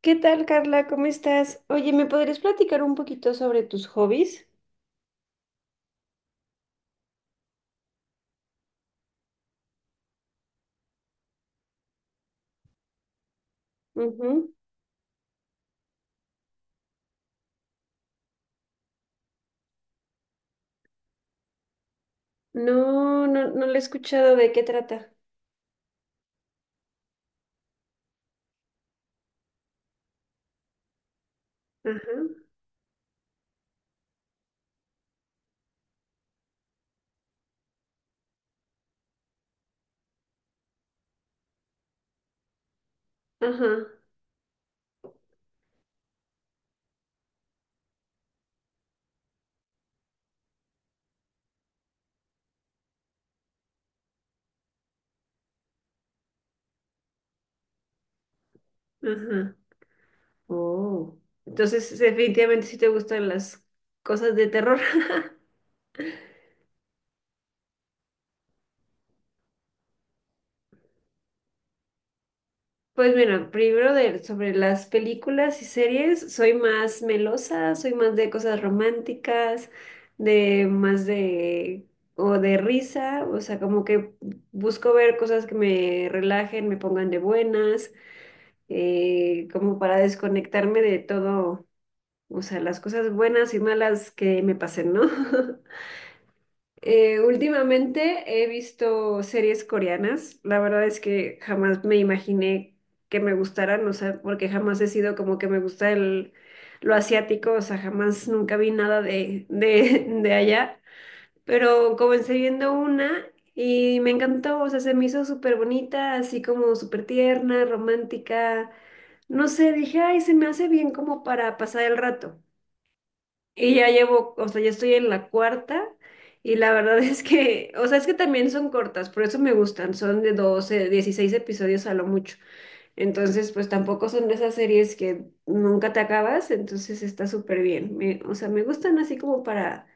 ¿Qué tal, Carla? ¿Cómo estás? Oye, ¿me podrías platicar un poquito sobre tus hobbies? Ujú. No, no, no le he escuchado de qué trata. Ajá, ajá, ajá. Oh. Entonces, definitivamente sí te gustan las cosas de terror. Pues mira, primero de, sobre las películas y series, soy más melosa, soy más de cosas románticas, de más de, o de risa, o sea, como que busco ver cosas que me relajen, me pongan de buenas, como para desconectarme de todo, o sea, las cosas buenas y malas que me pasen, ¿no? Últimamente he visto series coreanas. La verdad es que jamás me imaginé que me gustaran, o sea, porque jamás he sido como que me gusta el, lo asiático, o sea, jamás nunca vi nada de allá. Pero comencé viendo una y me encantó, o sea, se me hizo súper bonita, así como súper tierna, romántica. No sé, dije, ay, se me hace bien como para pasar el rato. Y ya llevo, o sea, ya estoy en la cuarta y la verdad es que, o sea, es que también son cortas, por eso me gustan, son de 12 16 episodios a lo mucho. Entonces, pues tampoco son de esas series que nunca te acabas, entonces está súper bien. O sea, me gustan así como para,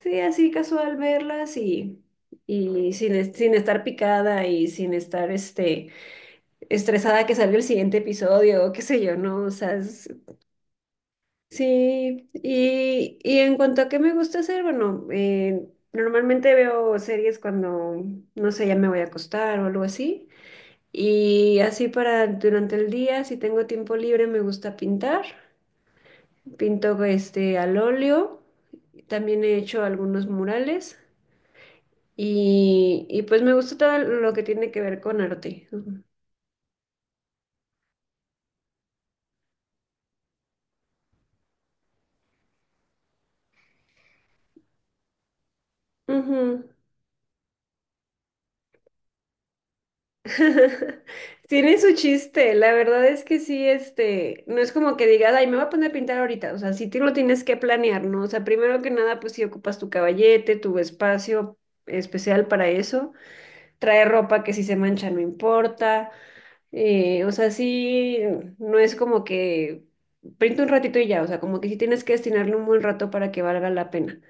sí, así casual verlas y sin estar picada y sin estar, estresada que salga el siguiente episodio o qué sé yo, ¿no? O sea, sí, y en cuanto a qué me gusta hacer, bueno, normalmente veo series cuando, no sé, ya me voy a acostar o algo así. Y así para durante el día, si tengo tiempo libre, me gusta pintar. Pinto al óleo, también he hecho algunos murales y pues me gusta todo lo que tiene que ver con arte. Ujú. Ujú. Tiene su chiste, la verdad es que sí, no es como que digas, ay, me voy a poner a pintar ahorita, o sea, sí te lo tienes que planear, ¿no? O sea, primero que nada, pues si ocupas tu caballete, tu espacio especial para eso, trae ropa que si se mancha no importa, o sea, sí, no es como que pinta un ratito y ya, o sea, como que sí tienes que destinarle un buen rato para que valga la pena.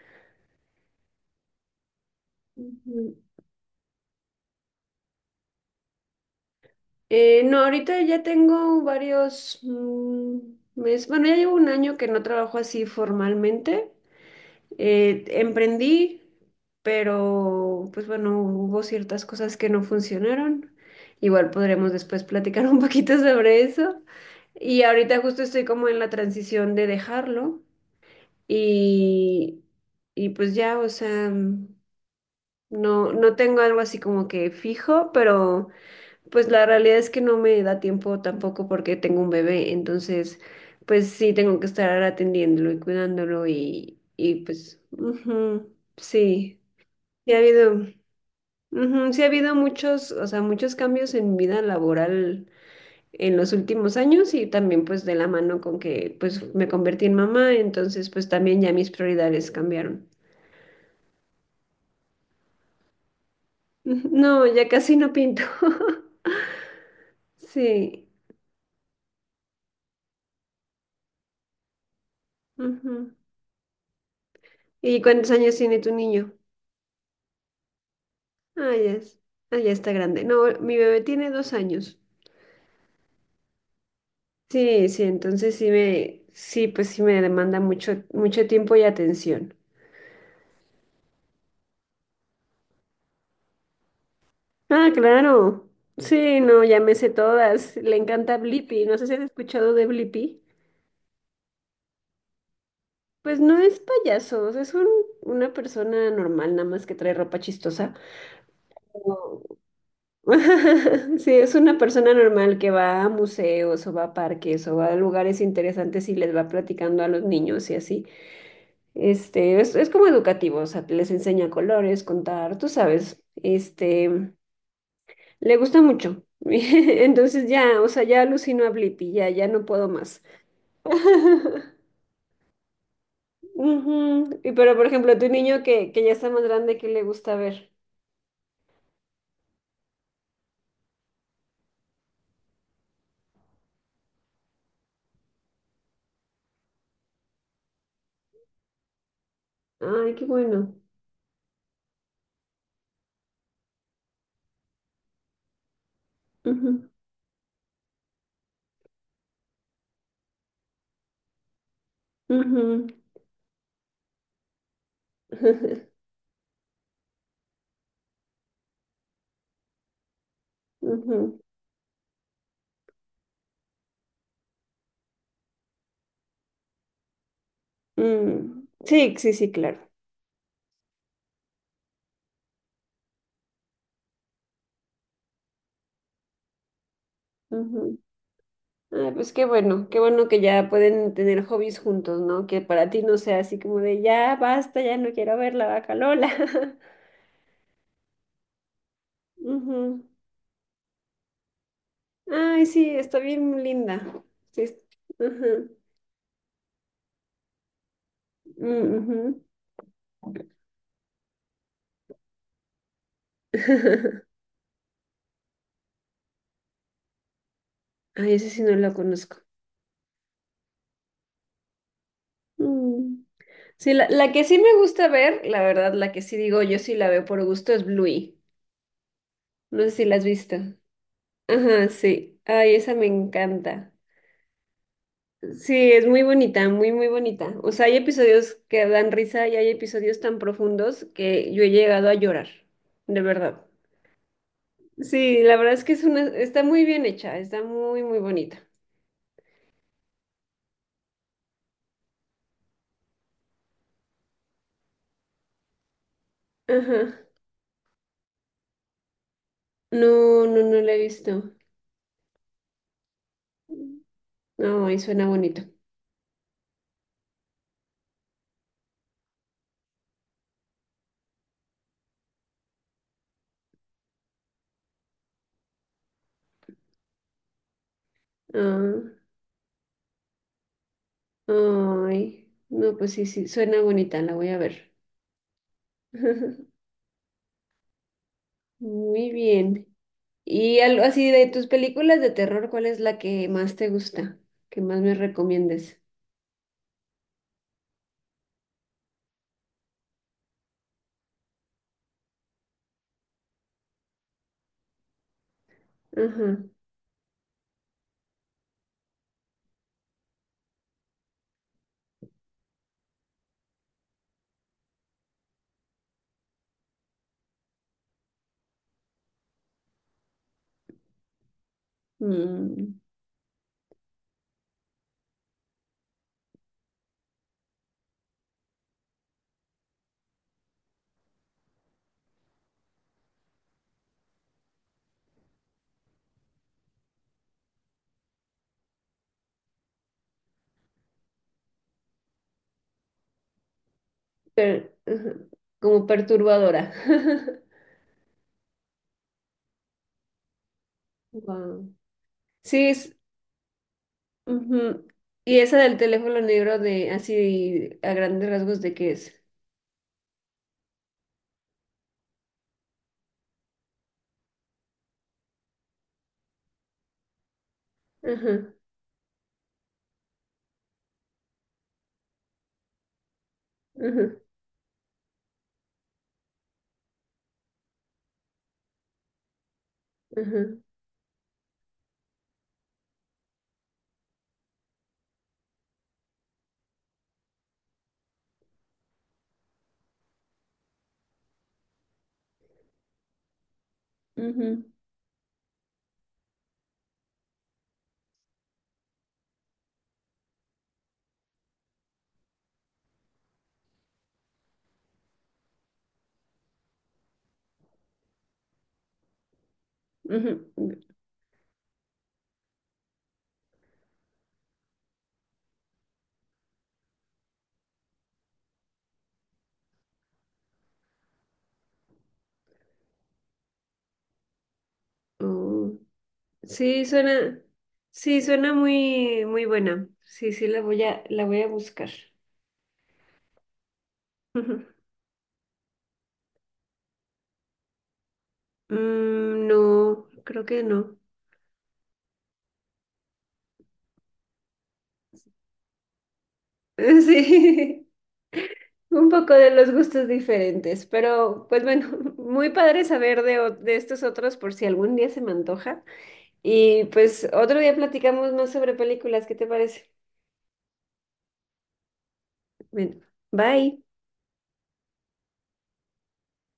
Ujú. No, ahorita ya tengo varios meses, bueno, ya llevo un año que no trabajo así formalmente. Emprendí, pero pues bueno, hubo ciertas cosas que no funcionaron. Igual podremos después platicar un poquito sobre eso. Y ahorita justo estoy como en la transición de dejarlo y, y pues ya, o sea, no, no tengo algo así como que fijo, pero... Pues la realidad es que no me da tiempo tampoco porque tengo un bebé, entonces pues sí tengo que estar atendiéndolo y cuidándolo y pues ujú, sí, sí ha habido, ujú, sí ha habido muchos, o sea, muchos cambios en mi vida laboral en los últimos años y también pues de la mano con que pues me convertí en mamá, entonces pues también ya mis prioridades cambiaron. Ujú, no, ya casi no pinto. Sí. Ujú. ¿Y cuántos años tiene tu niño? Ah, ya es. Ah, ya está grande. No, mi bebé tiene 2 años. Sí, sí, entonces sí me, sí, pues sí me demanda mucho, mucho tiempo y atención. Ah, claro. Sí, no, ya me sé todas. Le encanta Blippi. No sé si has escuchado de Blippi. Pues no es payaso, o sea, es una persona normal, nada más que trae ropa chistosa. Pero- Sí, es una persona normal que va a museos o va a parques o va a lugares interesantes y les va platicando a los niños y así. Es como educativo, o sea, les enseña colores, contar, tú sabes, le gusta mucho. Entonces ya, o sea, ya alucino a Blippi, ya, ya no puedo más. Ujú. Y pero, por ejemplo, tu niño que ya está más grande, ¿qué le gusta ver? Ay, qué bueno. Ujú, ujú, ujú. Mm. Sí, sí, sí, claro. Ay, pues qué bueno que ya pueden tener hobbies juntos, ¿no? Que para ti no sea así como de ya basta, ya no quiero ver la vaca Lola. Ujú. Ay, sí, está bien linda. Sí, ujú. Mm, ujú. Ay, ese sí no la conozco. Mm. Sí, la que sí me gusta ver, la verdad, la que sí digo yo sí la veo por gusto es Bluey. No sé si la has visto. Ajá, sí. Ay, esa me encanta. Sí, es muy bonita, muy, muy bonita. O sea, hay episodios que dan risa y hay episodios tan profundos que yo he llegado a llorar, de verdad. Sí, la verdad es que es una, está muy bien hecha, está muy, muy bonita. Ajá. No, no, no la he visto. Ay, suena bonito. Ah, ay, no, pues sí, sí, suena bonita, la voy a ver. Muy bien. Y algo así de tus películas de terror, ¿cuál es la que más te gusta? ¿Que más me recomiendes? Ajá. Mm, ajá, como perturbadora. Wow. Sí, es, ujú. Y esa del teléfono negro de así a grandes rasgos de qué es. Ajá, ajá, ajá, ujú, ujú. Oh, sí, suena, sí, suena muy, muy buena. Sí, sí, la voy a buscar. Ujú. Mm, no, creo que no. Sí. Un poco de los gustos diferentes, pero pues bueno, muy padre saber de, de estos otros por si algún día se me antoja. Y pues otro día platicamos más sobre películas, ¿qué te parece? Bueno, bye.